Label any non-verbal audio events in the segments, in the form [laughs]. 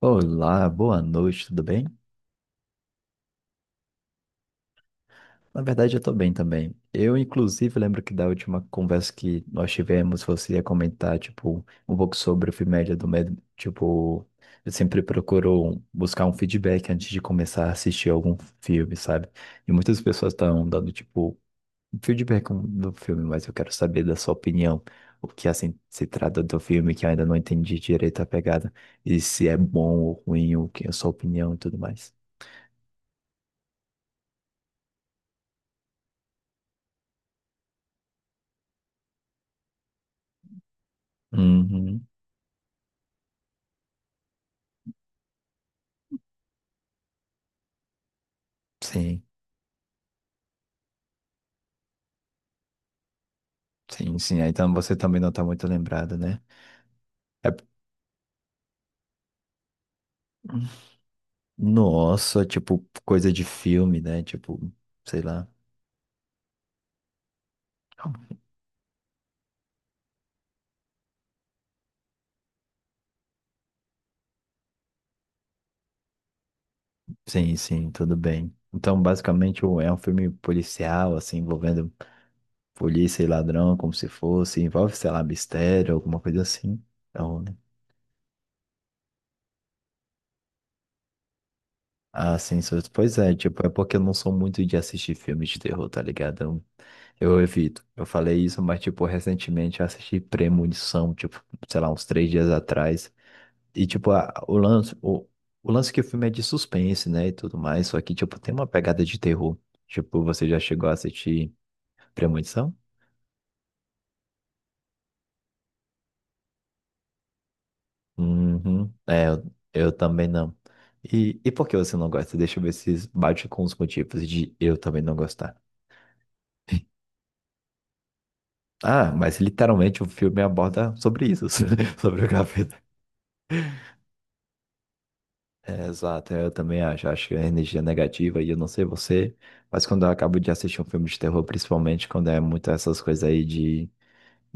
Olá, boa noite, tudo bem? Na verdade, eu tô bem também. Eu, inclusive, lembro que da última conversa que nós tivemos, você ia comentar, tipo, um pouco sobre o filme do Medo. Tipo, eu sempre procuro buscar um feedback antes de começar a assistir algum filme, sabe? E muitas pessoas estão dando, tipo, um feedback do filme, mas eu quero saber da sua opinião. O que, assim, se trata do filme que eu ainda não entendi direito a pegada. E se é bom ou ruim, o que é a sua opinião e tudo mais. Uhum. Sim, sim, sim. Aí você também não tá muito lembrado, né? É... Nossa, tipo, coisa de filme, né? Tipo, sei lá. Sim, sim, tudo bem. Então, basicamente, é um filme policial, assim, envolvendo polícia e ladrão, como se fosse, envolve, sei lá, mistério, alguma coisa assim. Então, né? Ah, sim, pois é, tipo, é porque eu não sou muito de assistir filmes de terror, tá ligado? Eu evito. Eu falei isso, mas, tipo, recentemente eu assisti Premonição, tipo, sei lá, uns três dias atrás. E, tipo, o lance, o lance que o filme é de suspense, né, e tudo mais, só que, tipo, tem uma pegada de terror. Tipo, você já chegou a assistir Premonição? Uhum. É, eu também não. E por que você não gosta? Deixa eu ver se bate com os motivos de eu também não gostar. Ah, mas literalmente o filme aborda sobre isso, [laughs] sobre o capeta. É, exato, eu também acho. Acho que a energia é negativa e eu não sei você, mas quando eu acabo de assistir um filme de terror, principalmente quando é muito essas coisas aí de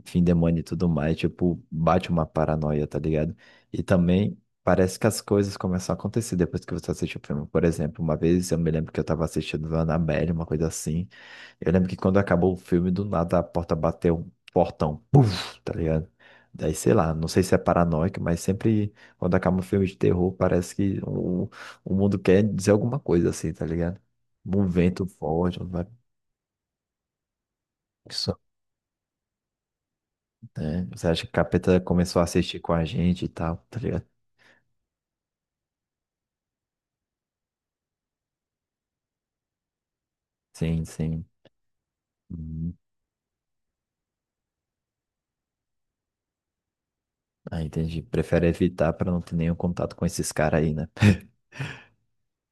enfim, demônio e tudo mais, tipo, bate uma paranoia, tá ligado? E também parece que as coisas começam a acontecer depois que você assiste o filme. Por exemplo, uma vez eu me lembro que eu tava assistindo Annabelle, uma coisa assim. Eu lembro que quando acabou o filme, do nada a porta bateu um portão, puf, tá ligado? Daí, sei lá, não sei se é paranoico, mas sempre quando acaba um filme de terror, parece que o mundo quer dizer alguma coisa assim, tá ligado? Um vento forte, né? Você acha que o capeta começou a assistir com a gente e tal, tá ligado? Sim, sim. Uhum. Ah, entendi. Prefere evitar pra não ter nenhum contato com esses caras aí, né?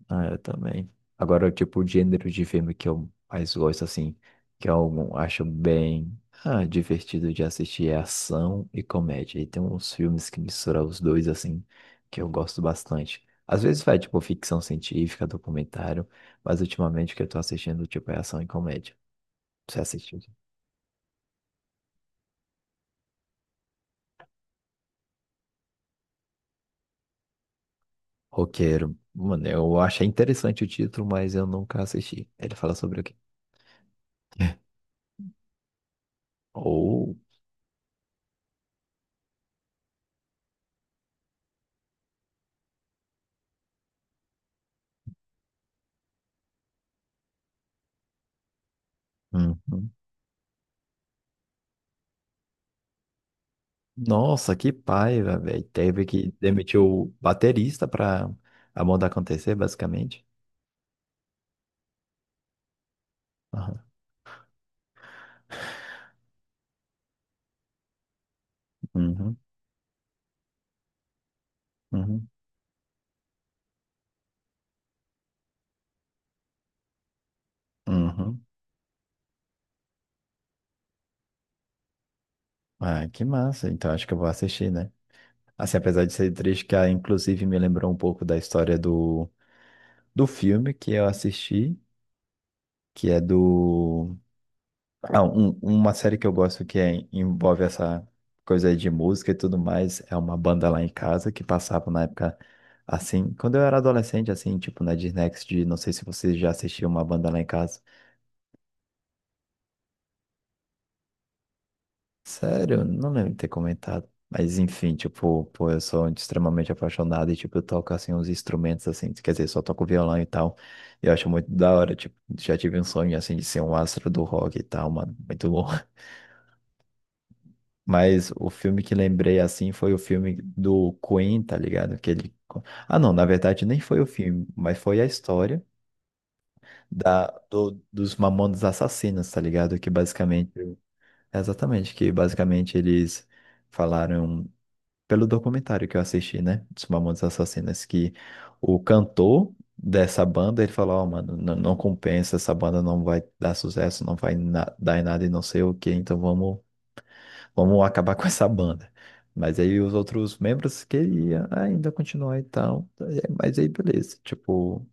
Ah, eu também. Agora, tipo, o gênero de filme que eu mais gosto, assim, que eu acho bem divertido de assistir é ação e comédia. E tem uns filmes que misturam os dois, assim, que eu gosto bastante. Às vezes vai, tipo, ficção científica, documentário, mas ultimamente o que eu tô assistindo, tipo, é ação e comédia. Você assistiu? Roqueiro. Mano, eu achei interessante o título, mas eu nunca assisti. Ele fala sobre o quê? Oh, uhum. Nossa, que paiva, velho. Teve que demitir o baterista pra a moda acontecer, basicamente. Aham. Uhum. Uhum. Uhum. Ah, que massa. Então acho que eu vou assistir, né? Assim, apesar de ser triste, que inclusive me lembrou um pouco da história do filme que eu assisti, que é do uma série que eu gosto que envolve essa coisa aí de música e tudo mais é uma banda lá em casa que passava na época, assim, quando eu era adolescente, assim, tipo na Disney XD, não sei se você já assistiu uma banda lá em casa. Sério, não lembro de ter comentado. Mas enfim, tipo, pô, eu sou extremamente apaixonado e, tipo, eu toco, assim, uns instrumentos, assim, quer dizer, só toco violão e tal. E eu acho muito da hora, tipo, já tive um sonho, assim, de ser um astro do rock e tal, mano, muito. Mas o filme que lembrei assim foi o filme do Queen, tá ligado? Que ele... Ah, não, na verdade nem foi o filme, mas foi a história dos Mamonas Assassinas, tá ligado? Que basicamente. Exatamente, que basicamente eles falaram, pelo documentário que eu assisti, né? Dos Mamonas Assassinas, que o cantor dessa banda, ele falou: Ó, mano, não, não compensa, essa banda não vai dar sucesso, não vai na- dar em nada e não sei o quê, então vamos acabar com essa banda. Mas aí os outros membros queriam ainda continuar e tal. É, mas aí beleza, tipo,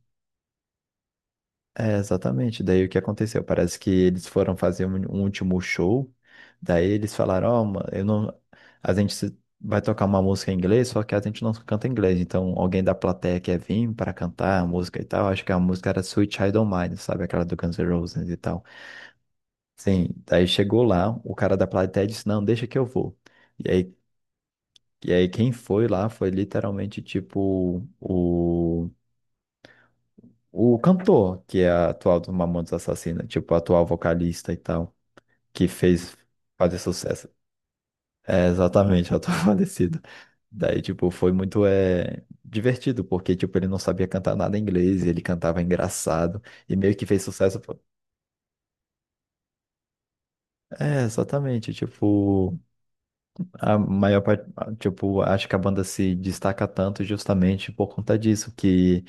é exatamente. Daí o que aconteceu? Parece que eles foram fazer um último show. Daí eles falaram, ó, mano, eu não. A gente vai tocar uma música em inglês, só que a gente não canta inglês. Então alguém da plateia quer vir para cantar a música e tal. Acho que a música era Sweet Child O' Mine, sabe? Aquela do Guns N' Roses e tal. Sim, daí chegou lá, o cara da plateia disse, não, deixa que eu vou. E aí e aí quem foi lá foi literalmente tipo o cantor, que é a atual do Mamonas Assassina, tipo a atual vocalista e tal, que fez fazer sucesso. É exatamente, a atual [laughs] falecida. Daí, tipo, foi muito é, divertido, porque, tipo, ele não sabia cantar nada em inglês, ele cantava engraçado, e meio que fez sucesso. É, exatamente, tipo, a maior parte, tipo, acho que a banda se destaca tanto justamente por conta disso, que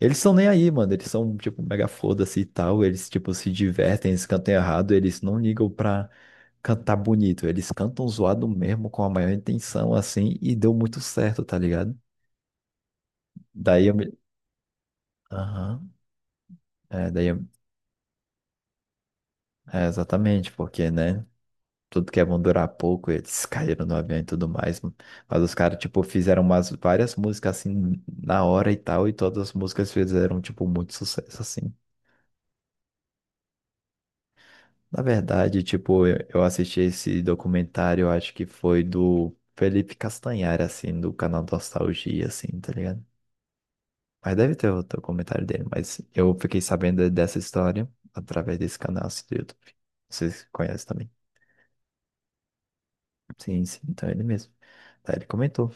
eles são nem aí, mano. Eles são, tipo, mega foda-se e tal. Eles, tipo, se divertem, eles cantam errado. Eles não ligam pra cantar bonito. Eles cantam zoado mesmo, com a maior intenção, assim. E deu muito certo, tá ligado? Daí eu me... Aham. É, daí eu... É, exatamente. Porque, né? Tudo que é bom durar pouco. Eles [laughs] caíram no avião e tudo mais. Mas os caras, tipo, fizeram umas várias músicas, assim, na hora e tal. E todas as músicas fizeram, tipo, muito sucesso, assim. Na verdade, tipo, eu assisti esse documentário, eu acho que foi do Felipe Castanhari, assim, do canal Nostalgia, assim, tá ligado? Mas deve ter outro comentário dele, mas eu fiquei sabendo dessa história através desse canal assim, do YouTube. Vocês conhecem também? Sim, sim, então é ele mesmo. Daí ele comentou.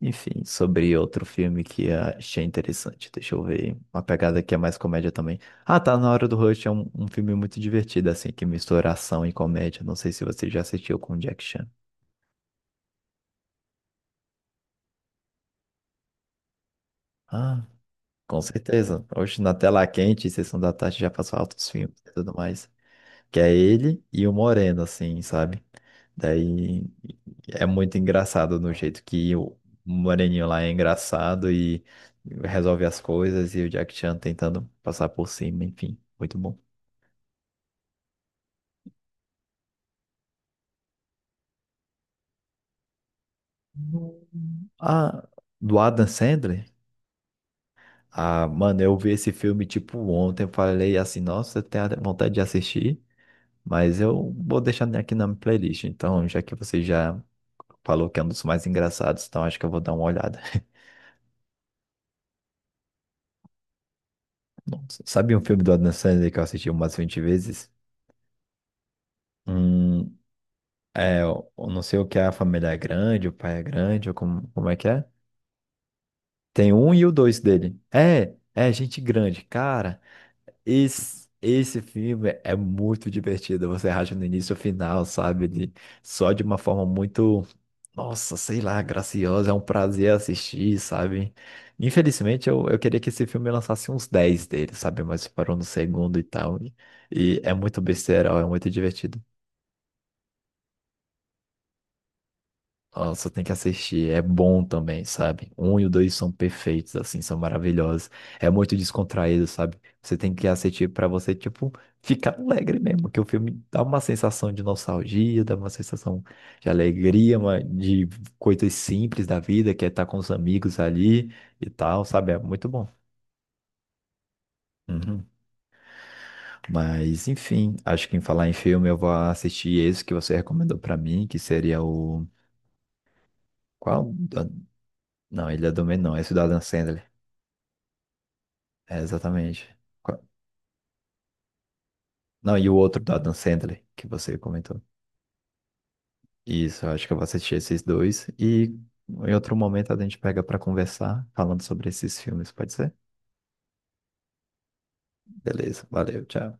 Enfim, sobre outro filme que achei interessante. Deixa eu ver. Uma pegada que é mais comédia também. Ah, tá na hora do Rush. É um filme muito divertido, assim, que mistura ação e comédia. Não sei se você já assistiu com o Jack Chan. Ah, com certeza. Hoje na tela quente, Sessão da Tarde já passou altos filmes e tudo mais. Que é ele e o Moreno, assim, sabe? Daí é muito engraçado no jeito que o Moreninho lá é engraçado e resolve as coisas e o Jack Chan tentando passar por cima, enfim, muito bom. Ah, do Adam Sandler? Ah, mano, eu vi esse filme tipo ontem, eu falei assim, nossa, eu tenho vontade de assistir. Mas eu vou deixar aqui na minha playlist. Então, já que você já falou que é um dos mais engraçados, então acho que eu vou dar uma olhada. [laughs] Nossa, sabe um filme do Adam Sandler que eu assisti umas 20 vezes? Hum, é, eu não sei o que é a família é grande, o pai é grande, ou como, como é que é? Tem um e o dois dele. É, é gente grande. Cara, esse filme é muito divertido. Você racha no início e final, sabe? Só de uma forma muito, nossa, sei lá, graciosa. É um prazer assistir, sabe? Infelizmente, eu queria que esse filme lançasse uns 10 dele, sabe? Mas parou no segundo e tal. E é muito besteirol, é muito divertido. Nossa, tem que assistir. É bom também, sabe? Um e o dois são perfeitos, assim, são maravilhosos. É muito descontraído, sabe? Você tem que assistir pra você, tipo, ficar alegre mesmo, que o filme dá uma sensação de nostalgia, dá uma sensação de alegria, de coisas simples da vida, que é estar com os amigos ali e tal, sabe? É muito bom. Uhum. Mas, enfim, acho que em falar em filme, eu vou assistir esse que você recomendou pra mim, que seria o. Qual? Não, ele é do Menor, é o Cidadão Sandler. É, exatamente. Qua- Não, e o outro do Adam Sandler, que você comentou. Isso, eu acho que eu vou assistir esses dois. E em outro momento a gente pega para conversar falando sobre esses filmes, pode ser? Beleza, valeu, tchau.